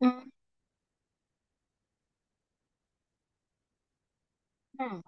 嗯嗯，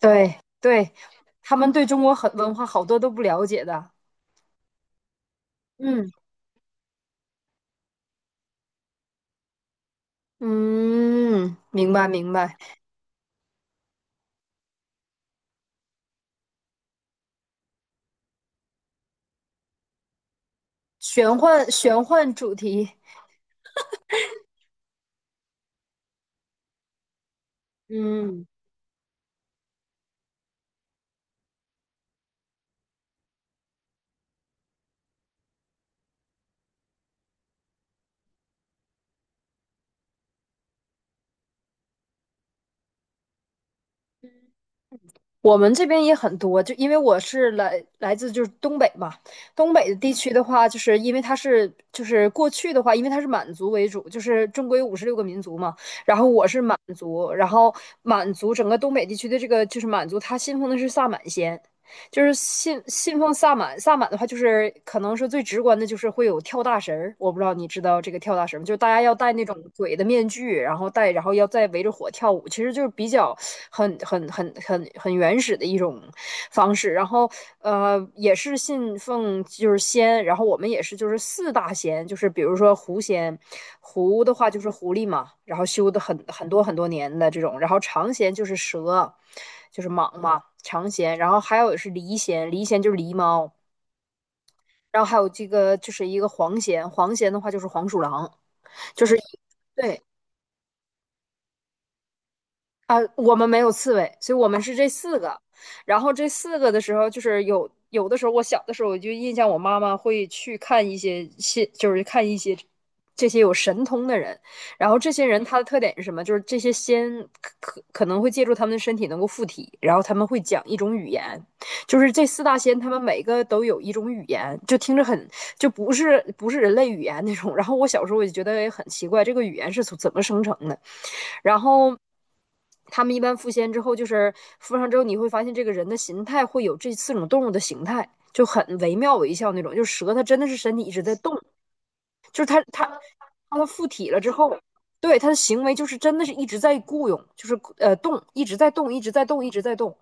对对，他们对中国很文化好多都不了解的。嗯嗯，明白明白。玄幻玄幻主题。嗯，我们这边也很多，就因为我是来自就是东北嘛。东北的地区的话，就是因为它是就是过去的话，因为它是满族为主，就是中国有56个民族嘛，然后我是满族。然后满族整个东北地区的这个就是满族，他信奉的是萨满仙。就是信奉萨满，萨满的话就是可能是最直观的，就是会有跳大神儿。我不知道你知道这个跳大神吗？就是大家要戴那种鬼的面具，然后戴，然后要再围着火跳舞，其实就是比较很原始的一种方式。然后也是信奉就是仙，然后我们也是就是四大仙，就是比如说狐仙。狐的话就是狐狸嘛，然后修的很多很多年的这种。然后长仙就是蛇，就是蟒嘛，长弦。然后还有是狸蚬，狸蚬就是狸猫。然后还有这个就是一个黄蚬，黄蚬的话就是黄鼠狼。就是一，对啊，我们没有刺猬，所以我们是这四个。然后这四个的时候，就是有的时候，我小的时候我就印象，我妈妈会去看一些，就是看一些这些有神通的人。然后这些人他的特点是什么？就是这些仙可能会借助他们的身体能够附体，然后他们会讲一种语言，就是这四大仙他们每个都有一种语言，就听着很，就不是人类语言那种。然后我小时候我就觉得哎很奇怪，这个语言是从怎么生成的？然后他们一般附仙之后，就是附上之后，你会发现这个人的形态会有这四种动物的形态，就很惟妙惟肖那种，就是蛇它真的是身体一直在动。就是他附体了之后，对他的行为就是真的是一直在雇佣，就是动，一直在动，一直在动，一直在动。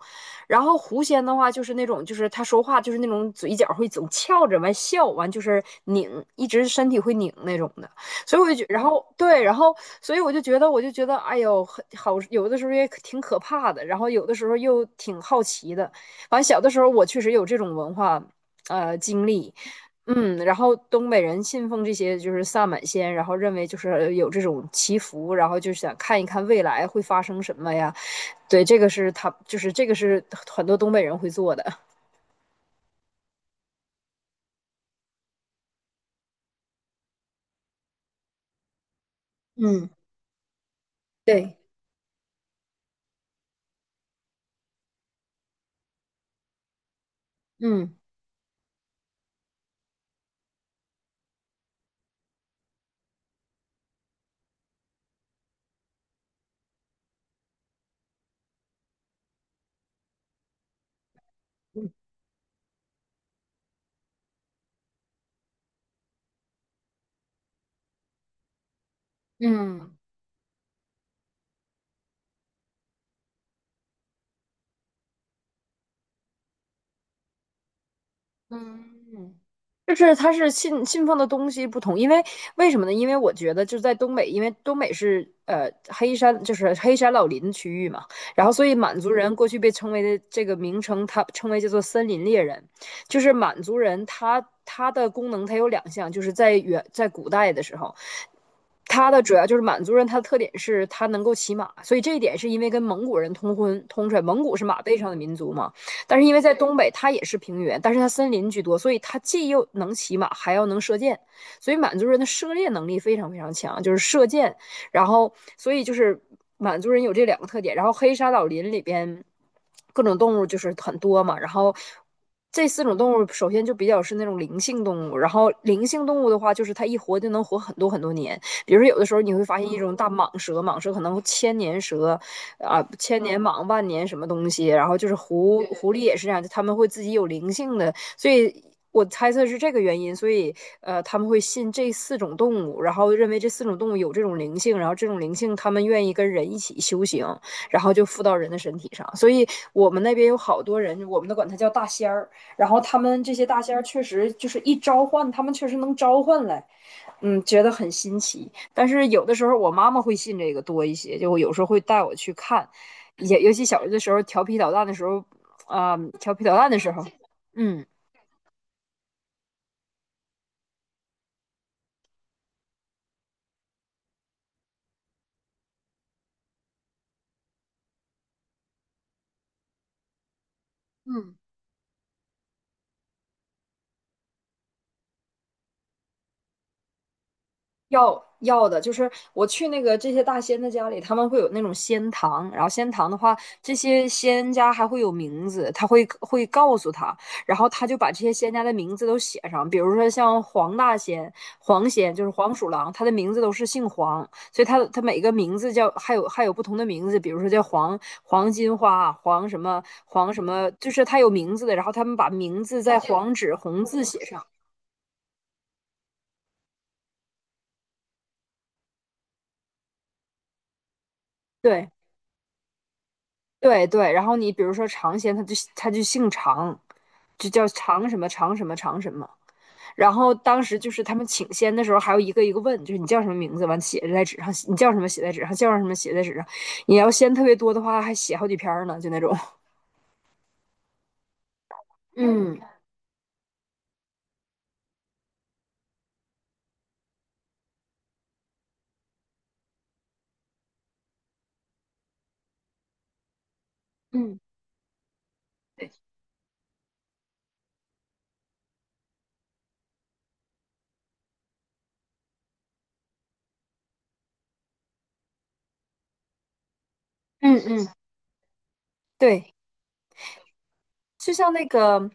然后狐仙的话就是那种，就是他说话就是那种嘴角会总翘着，完笑，完就是拧，一直身体会拧那种的。所以我就觉，然后对。然后所以我就觉得，我就觉得，哎呦，很好，有的时候也可挺可怕的，然后有的时候又挺好奇的。完，小的时候我确实有这种文化经历。嗯，然后东北人信奉这些就是萨满仙，然后认为就是有这种祈福，然后就想看一看未来会发生什么呀？对，这个是他就是这个是很多东北人会做的。嗯，对，嗯嗯嗯。嗯，就是它是信奉的东西不同。因为为什么呢？因为我觉得就是在东北，因为东北是黑山，就是黑山老林区域嘛。然后所以满族人过去被称为的这个名称，它称为叫做森林猎人，就是满族人他的功能它有2项，就是在远在古代的时候，他的主要就是满族人，他的特点是他能够骑马，所以这一点是因为跟蒙古人通婚通出来，蒙古是马背上的民族嘛。但是因为在东北，它也是平原，但是它森林居多，所以它既又能骑马，还要能射箭，所以满族人的射猎能力非常非常强，就是射箭。然后，所以就是满族人有这2个特点。然后黑沙老林里边各种动物就是很多嘛，然后。这四种动物首先就比较是那种灵性动物，然后灵性动物的话，就是它一活就能活很多很多年。比如说有的时候你会发现一种大蟒蛇，蟒蛇可能千年蛇啊，千年蟒、万年什么东西。然后就是狐狸也是这样，他们会自己有灵性的，所以。我猜测是这个原因，所以他们会信这四种动物，然后认为这四种动物有这种灵性，然后这种灵性他们愿意跟人一起修行，然后就附到人的身体上。所以我们那边有好多人，我们都管它叫大仙儿，然后他们这些大仙儿确实就是一召唤，他们确实能召唤来。嗯，觉得很新奇。但是有的时候我妈妈会信这个多一些，就有时候会带我去看，也尤其小的时候调皮捣蛋的时候，调皮捣蛋的时候，嗯。嗯，要要的，就是我去那个这些大仙的家里，他们会有那种仙堂，然后仙堂的话，这些仙家还会有名字，他会告诉他，然后他就把这些仙家的名字都写上，比如说像黄大仙、黄仙，就是黄鼠狼，他的名字都是姓黄，所以他每个名字叫还有不同的名字，比如说叫黄金花黄什么黄什么，就是他有名字的。然后他们把名字在黄纸红字写上，对。对对。然后你比如说尝鲜，他就他就姓常，就叫常什么常什么常什么。然后当时就是他们请仙的时候，还要一个一个问，就是你叫什么名字，完写在纸上，你叫什么写在纸上，叫什么写在纸上。你要仙特别多的话，还写好几篇儿呢，就那种。嗯嗯，对。嗯嗯，对。就像那个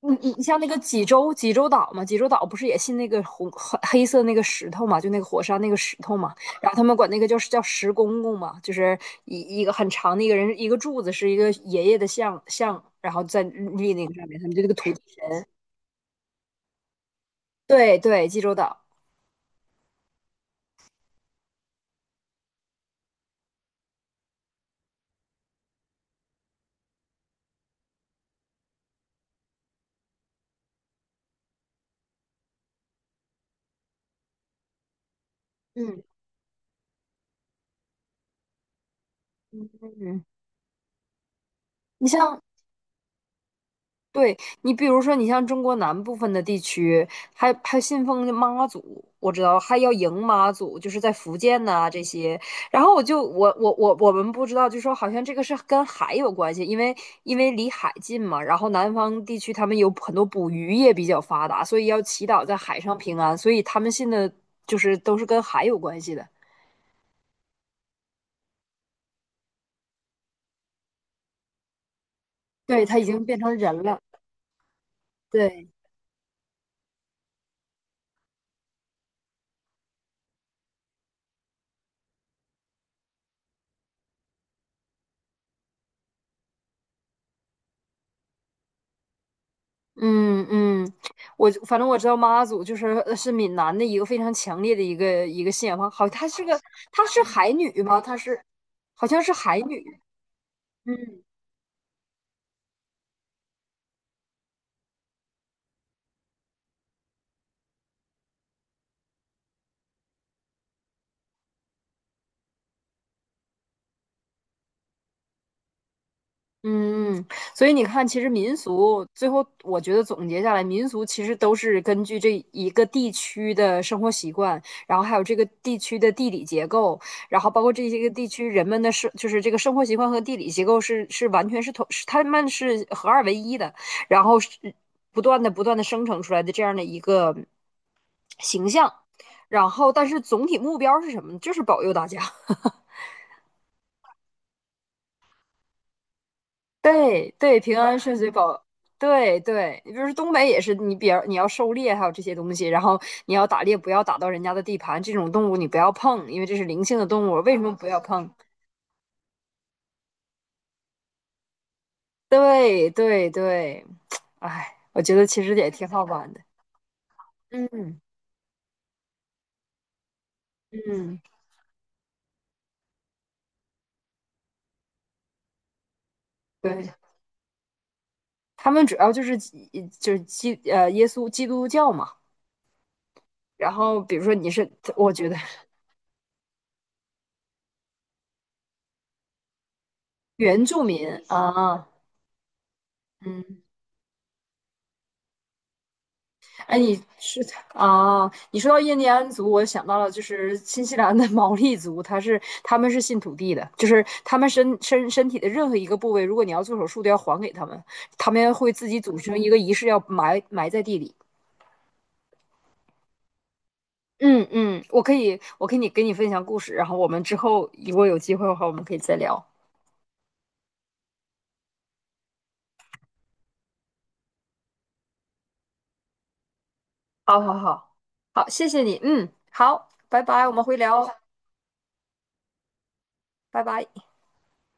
你像那个济州岛嘛，济州岛不是也信那个红黑色那个石头嘛，就那个火山那个石头嘛。然后他们管那个叫石公公嘛，就是一个很长的一个人一个柱子是一个爷爷的像，然后在立那个上面，他们就那个土地神。对对，济州岛。嗯。你像对，你比如说，你像中国南部分的地区，还信奉妈祖，我知道还要迎妈祖，就是在福建呐、这些。然后我就我我我我们不知道，就说好像这个是跟海有关系，因为因为离海近嘛。然后南方地区他们有很多捕鱼业比较发达，所以要祈祷在海上平安，所以他们信的就是都是跟海有关系的。对，他已经变成人了。对。嗯嗯，我反正我知道妈祖就是是闽南的一个非常强烈的一个信仰方，好，她是个，她是海女吗？她是好像是海女。嗯。嗯，嗯。所以你看，其实民俗最后，我觉得总结下来，民俗其实都是根据这一个地区的生活习惯，然后还有这个地区的地理结构，然后包括这些个地区人们的生，就是这个生活习惯和地理结构是完全是同，是他们是合二为一的，然后是不断的生成出来的这样的一个形象，然后但是总体目标是什么呢？就是保佑大家。对对，平安顺遂保，对对，你比如说东北也是，你比如你要狩猎，还有这些东西，然后你要打猎，不要打到人家的地盘，这种动物你不要碰，因为这是灵性的动物，为什么不要碰？对对对。哎，我觉得其实也挺好玩的。嗯嗯，对，他们主要就是基，就是基耶稣基督教嘛。然后比如说你是，我觉得原住民啊，嗯。哎，你是，啊？你说到印第安族，我想到了就是新西兰的 毛利族，他是他们是信土地的，就是他们身体的任何一个部位，如果你要做手术，都要还给他们，他们会自己组成一个仪式，要埋在地里。嗯嗯，我可以，我可以给你分享故事，然后我们之后如果有机会的话，我们可以再聊。好好好，好，谢谢你。嗯，好，拜拜，我们会聊哦，拜拜。